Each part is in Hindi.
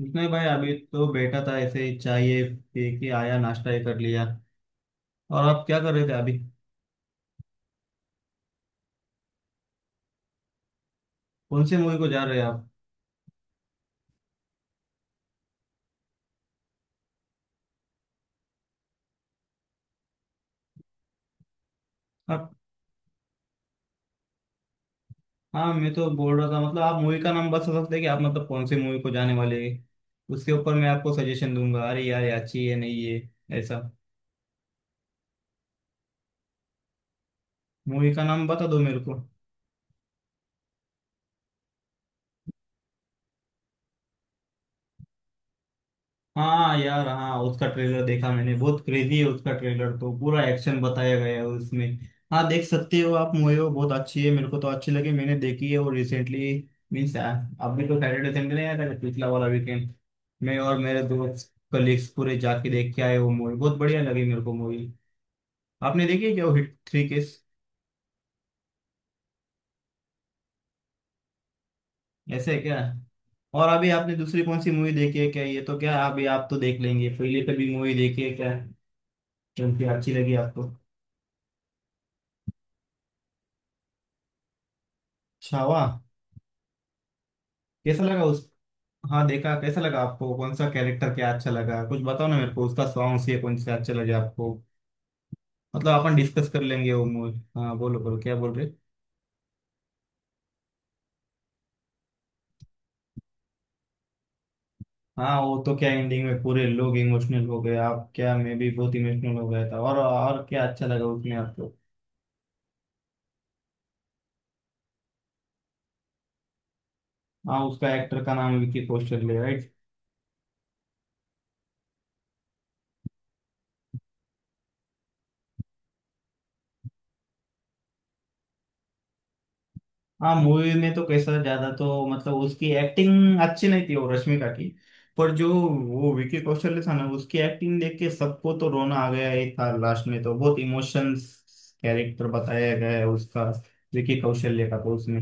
कुछ नहीं भाई, अभी तो बैठा था ऐसे ही चाय ये पी के आया, नाश्ता ही कर लिया। और आप क्या कर रहे थे अभी? कौन सी मूवी को जा रहे हैं आप? आप? हाँ, मैं तो बोल रहा था, मतलब आप मूवी का नाम बता सकते हैं कि आप मतलब कौन सी मूवी को जाने वाले हैं। उसके ऊपर मैं आपको सजेशन दूंगा, अरे यार ये अच्छी है, नहीं है ऐसा। मूवी का नाम बता दो मेरे को। हाँ यार, हाँ उसका ट्रेलर देखा मैंने, बहुत क्रेजी है उसका ट्रेलर, तो पूरा एक्शन बताया गया है उसमें। हाँ देख सकते हो आप मूवी, वो बहुत अच्छी है, मेरे को तो अच्छी लगी, मैंने देखी है वो रिसेंटली। मीन्स अभी तो सैटरडे संडे नहीं आया था, पिछला वाला वीकेंड मैं और मेरे दोस्त कलीग्स पूरे जाके देख के आए, वो मूवी बहुत बढ़िया लगी मेरे को मूवी। आपने देखी है क्या वो हिट 3 केस? ऐसे है क्या? और अभी आपने दूसरी कौन सी मूवी देखी है क्या? ये तो क्या, अभी आप तो देख लेंगे, पहले कभी मूवी देखी है क्या? क्योंकि अच्छी लगी आपको। छावा? कैसा लगा उस? हाँ देखा, कैसा लगा आपको, कौन सा कैरेक्टर, क्या अच्छा लगा, कुछ बताओ ना मेरे को, उसका सॉन्ग्स ये कौन से अच्छे लगे आपको? मतलब अपन डिस्कस कर लेंगे वो मूवी। हाँ बोलो बोलो, क्या बोल रहे? हाँ वो तो क्या, एंडिंग में पूरे लोग इमोशनल हो गए, आप क्या, मैं भी बहुत इमोशनल हो गया था। और क्या अच्छा लगा उसमें आपको? हाँ उसका एक्टर का नाम विकी कौशल है, right? हाँ मूवी में तो कैसा ज्यादा, तो मतलब उसकी एक्टिंग अच्छी नहीं थी वो रश्मिका की। पर जो वो विकी कौशल था ना, उसकी एक्टिंग देख के सबको तो रोना आ गया ही था, लास्ट में तो बहुत इमोशंस कैरेक्टर बताया गया है उसका, विकी कौशल्य का तो उसमें।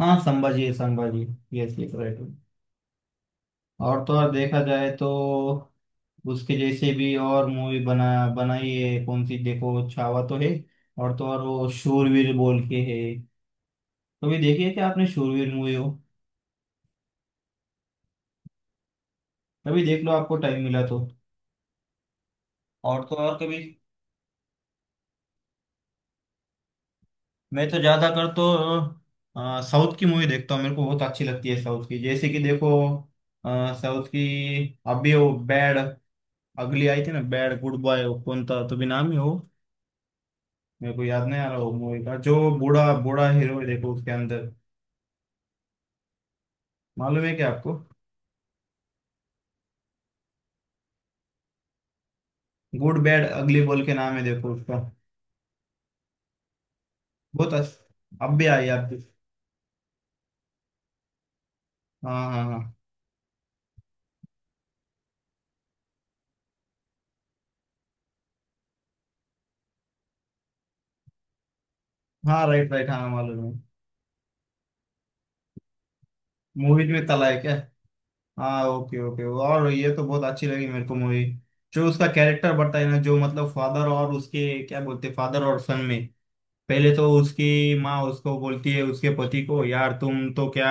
हाँ संभाजी है, संभाजी। Yes yes right. और तो और देखा जाए तो उसके जैसे भी और मूवी बनाई है कौन सी, देखो छावा तो है, और तो और वो शूरवीर बोल के है। कभी देखिए क्या आपने शूरवीर मूवी हो? कभी देख लो, आपको टाइम मिला तो। और तो और कभी, मैं तो ज्यादा कर तो साउथ की मूवी देखता हूँ, मेरे को बहुत अच्छी लगती है साउथ की, जैसे कि देखो साउथ की, अभी वो बैड अगली आई थी ना, बैड गुड बॉय, वो कौन था, तो भी नाम ही हो, मेरे को याद नहीं आ रहा वो मूवी का, जो बूढ़ा बूढ़ा हीरो है देखो उसके अंदर, मालूम है क्या आपको? गुड बैड अगली बोल के नाम है देखो उसका। अब भी आई आप? हाँ हाँ हाँ। हाँ राइट राइट, हाँ right, right, हाँ, मालूम है। मूवीज में तला है क्या? हाँ ओके ओके, और ये तो बहुत अच्छी लगी मेरे को मूवी, जो उसका कैरेक्टर बताया ना, जो मतलब फादर और उसके क्या बोलते, फादर और सन में, पहले तो उसकी माँ उसको बोलती है, उसके पति को, यार तुम तो क्या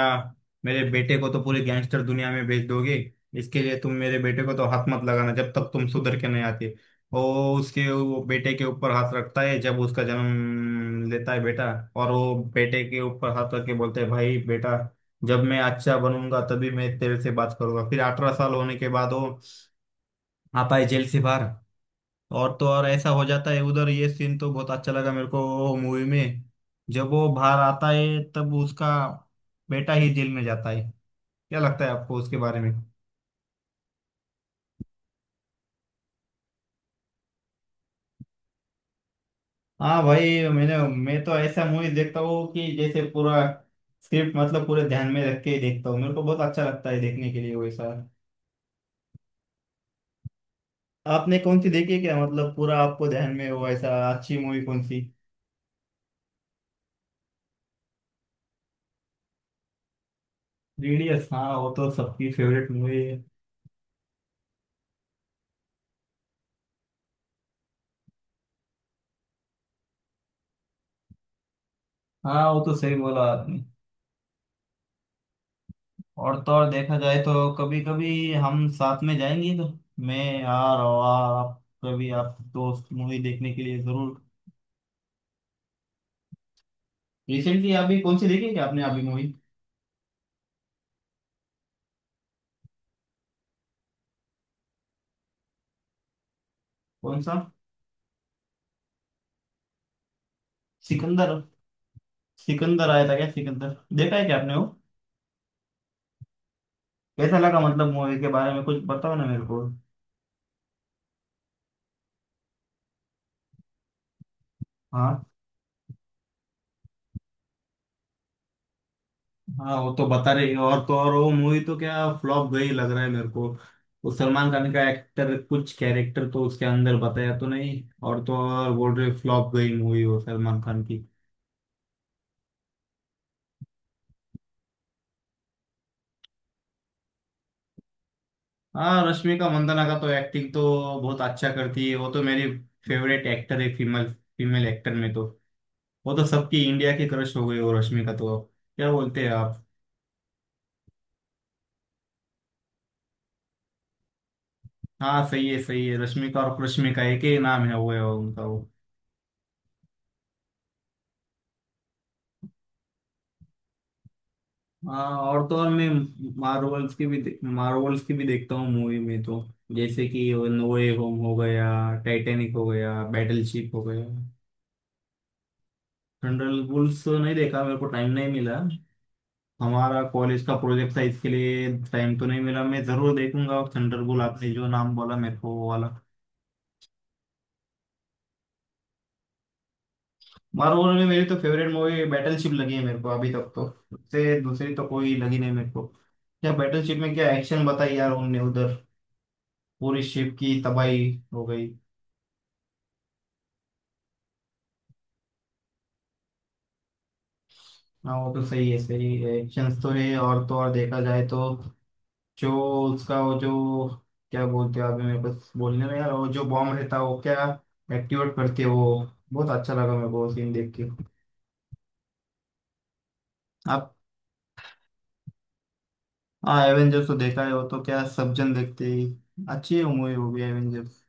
मेरे बेटे को तो पूरी गैंगस्टर दुनिया में भेज दोगे, इसके लिए तुम मेरे बेटे को तो हाथ मत लगाना जब तक तुम सुधर के नहीं आते। वो उसके वो बेटे के ऊपर हाथ रखता है जब उसका जन्म लेता है बेटा, और वो बेटे के ऊपर हाथ रख के बोलते है भाई बेटा, जब मैं अच्छा बनूंगा तभी मैं तेरे से बात करूंगा। फिर 18 साल होने के बाद वो आता है जेल से बाहर, और तो और ऐसा हो जाता है उधर, ये सीन तो बहुत अच्छा लगा मेरे को मूवी में। जब वो बाहर आता है तब उसका बेटा ही जेल में जाता है। क्या लगता है आपको उसके बारे में? हाँ भाई, मैंने, मैं तो ऐसा मूवी देखता हूँ कि जैसे पूरा स्क्रिप्ट मतलब पूरे ध्यान में रख के ही देखता हूँ, मेरे को बहुत अच्छा लगता है देखने के लिए वैसा। आपने कौन सी देखी है क्या, मतलब पूरा आपको ध्यान में हो ऐसा अच्छी मूवी कौन सी? रेडियस, हाँ वो तो सबकी फेवरेट मूवी है। हाँ वो तो सही बोला आपने। और तो और देखा जाए तो कभी कभी हम साथ में जाएंगे तो, मैं यार और आप कभी, आप दोस्त मूवी देखने के लिए जरूर। रिसेंटली अभी कौन सी देखी है क्या आपने अभी मूवी? कौन सा? सिकंदर? सिकंदर आया था क्या, सिकंदर देखा है क्या आपने वो? कैसा लगा, मतलब मूवी के बारे में कुछ बताओ ना मेरे को। हाँ। हाँ वो तो बता रही है, और तो और वो मूवी तो क्या फ्लॉप गई लग रहा है मेरे को, वो सलमान खान का एक्टर कुछ कैरेक्टर तो उसके अंदर बताया तो नहीं, और तो और बोल रहे फ्लॉप गई मूवी वो सलमान खान की। हाँ रश्मिका मंदाना का तो एक्टिंग तो बहुत अच्छा करती है वो, तो मेरी फेवरेट एक्टर है, फीमेल फीमेल एक्टर में तो वो तो सबकी इंडिया की क्रश हो गई वो रश्मिका तो। क्या बोलते हैं आप? हाँ सही है सही है, रश्मिका और कृष्मिका एक ही नाम है, वो है उनका वो। हाँ, और तो और मैं मार्वल्स की भी देखता हूँ मूवी में तो, जैसे कि नो वे होम हो गया, टाइटैनिक हो गया, बैटलशिप हो गया। थंडरबोल्ट्स तो नहीं देखा, मेरे को टाइम नहीं मिला, हमारा कॉलेज का प्रोजेक्ट था, इसके लिए टाइम तो नहीं मिला, मैं जरूर देखूंगा थंडरबोल्ट, आपने जो नाम बोला मेरे को वो वाला। मार्वल में मेरी तो फेवरेट मूवी बैटलशिप लगी है, मेरे को अभी तक तो उससे दूसरी तो कोई लगी नहीं मेरे को। क्या बैटलशिप में क्या एक्शन बताई यार उनने उधर, पूरी शिप की तबाही हो गई। ना वो तो सही है सही है, एक्शन तो है, और तो और देखा जाए तो, जो उसका वो जो क्या बोलते हैं अभी मेरे पास बोलने में, यार वो जो बॉम्ब रहता है, वो क्या एक्टिवेट करती है वो, बहुत अच्छा लगा मेरे को सीन देख के। आप? हाँ एवेंजर्स तो देखा है, वो तो क्या सब जन देखते ही, अच्छी मूवी होगी एवेंजर्स।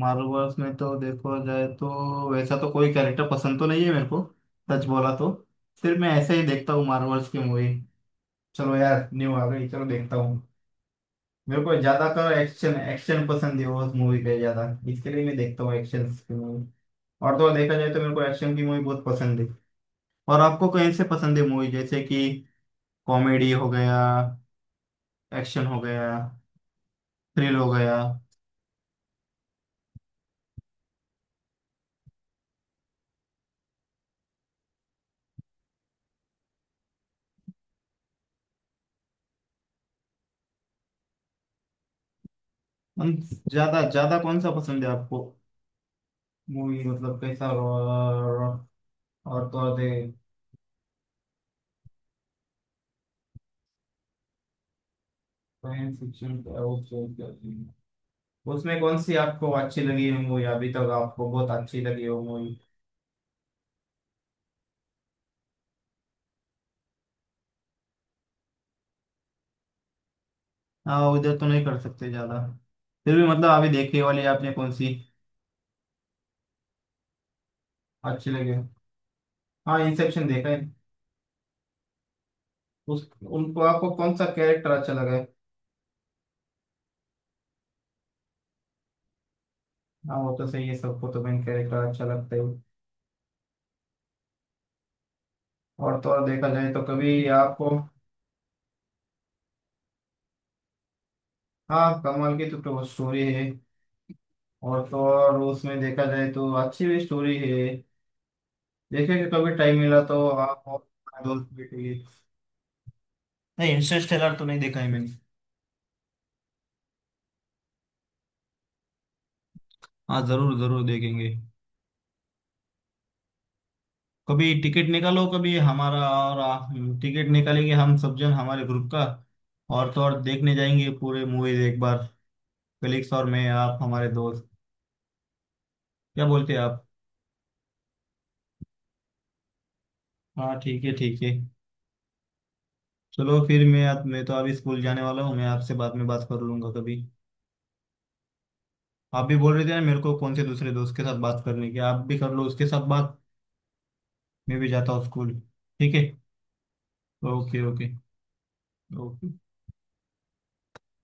मार्वल्स में तो देखो जाए तो वैसा तो कोई कैरेक्टर पसंद तो नहीं है मेरे को, सच बोला तो। सिर्फ मैं ऐसे ही देखता हूँ मार्वल्स की मूवी, चलो यार न्यू आ गई चलो देखता हूँ। मेरे को ज्यादातर एक्शन एक्शन पसंद है उस मूवी के ज्यादा, इसके लिए मैं देखता हूँ एक्शन की मूवी। और तो और देखा जाए तो मेरे को एक्शन की मूवी बहुत पसंद है। और आपको कौन से पसंद है मूवी, जैसे कि कॉमेडी हो गया, एक्शन हो गया, थ्रिल हो गया। हम ज्यादा ज्यादा कौन सा पसंद है आपको मूवी, मतलब कैसा? और तो और दे, साइंस फिक्शन, उसमें कौन सी आपको अच्छी लगी है मूवी, अभी तक आपको बहुत अच्छी लगी हो मूवी? हाँ उधर तो नहीं कर सकते ज्यादा, फिर भी मतलब अभी देखने वाली आपने कौन सी अच्छी लगी हो? हाँ इंसेप्शन देखा है। उस, उनको आपको कौन सा कैरेक्टर अच्छा लगा है? हाँ वो तो सही है, सबको तो मेन कैरेक्टर अच्छा लगता है। और तो और देखा जाए तो कभी आपको, हाँ कमाल की तो स्टोरी है, और तो और उसमें देखा जाए तो अच्छी भी स्टोरी है, देखेंगे कभी टाइम मिला तो, आप और दोस्त बैठेंगे। नहीं इंटरस्टेलर तो नहीं देखा है मैंने। हाँ जरूर जरूर देखेंगे, कभी टिकट निकालो, कभी हमारा टिकट निकालेंगे हम सब जन हमारे ग्रुप का, और तो और देखने जाएंगे पूरे मूवीज एक बार, कलीग्स और मैं आप हमारे दोस्त। क्या बोलते हैं आप? हाँ ठीक है ठीक है। चलो फिर मैं तो अभी स्कूल जाने वाला हूँ, मैं आपसे बाद में बात कर लूंगा कभी। आप भी बोल रहे थे ना मेरे को, कौन से दूसरे दोस्त के साथ बात करने की, आप भी कर लो उसके साथ बात। मैं भी जाता हूँ स्कूल। ठीक है। Okay okay okay.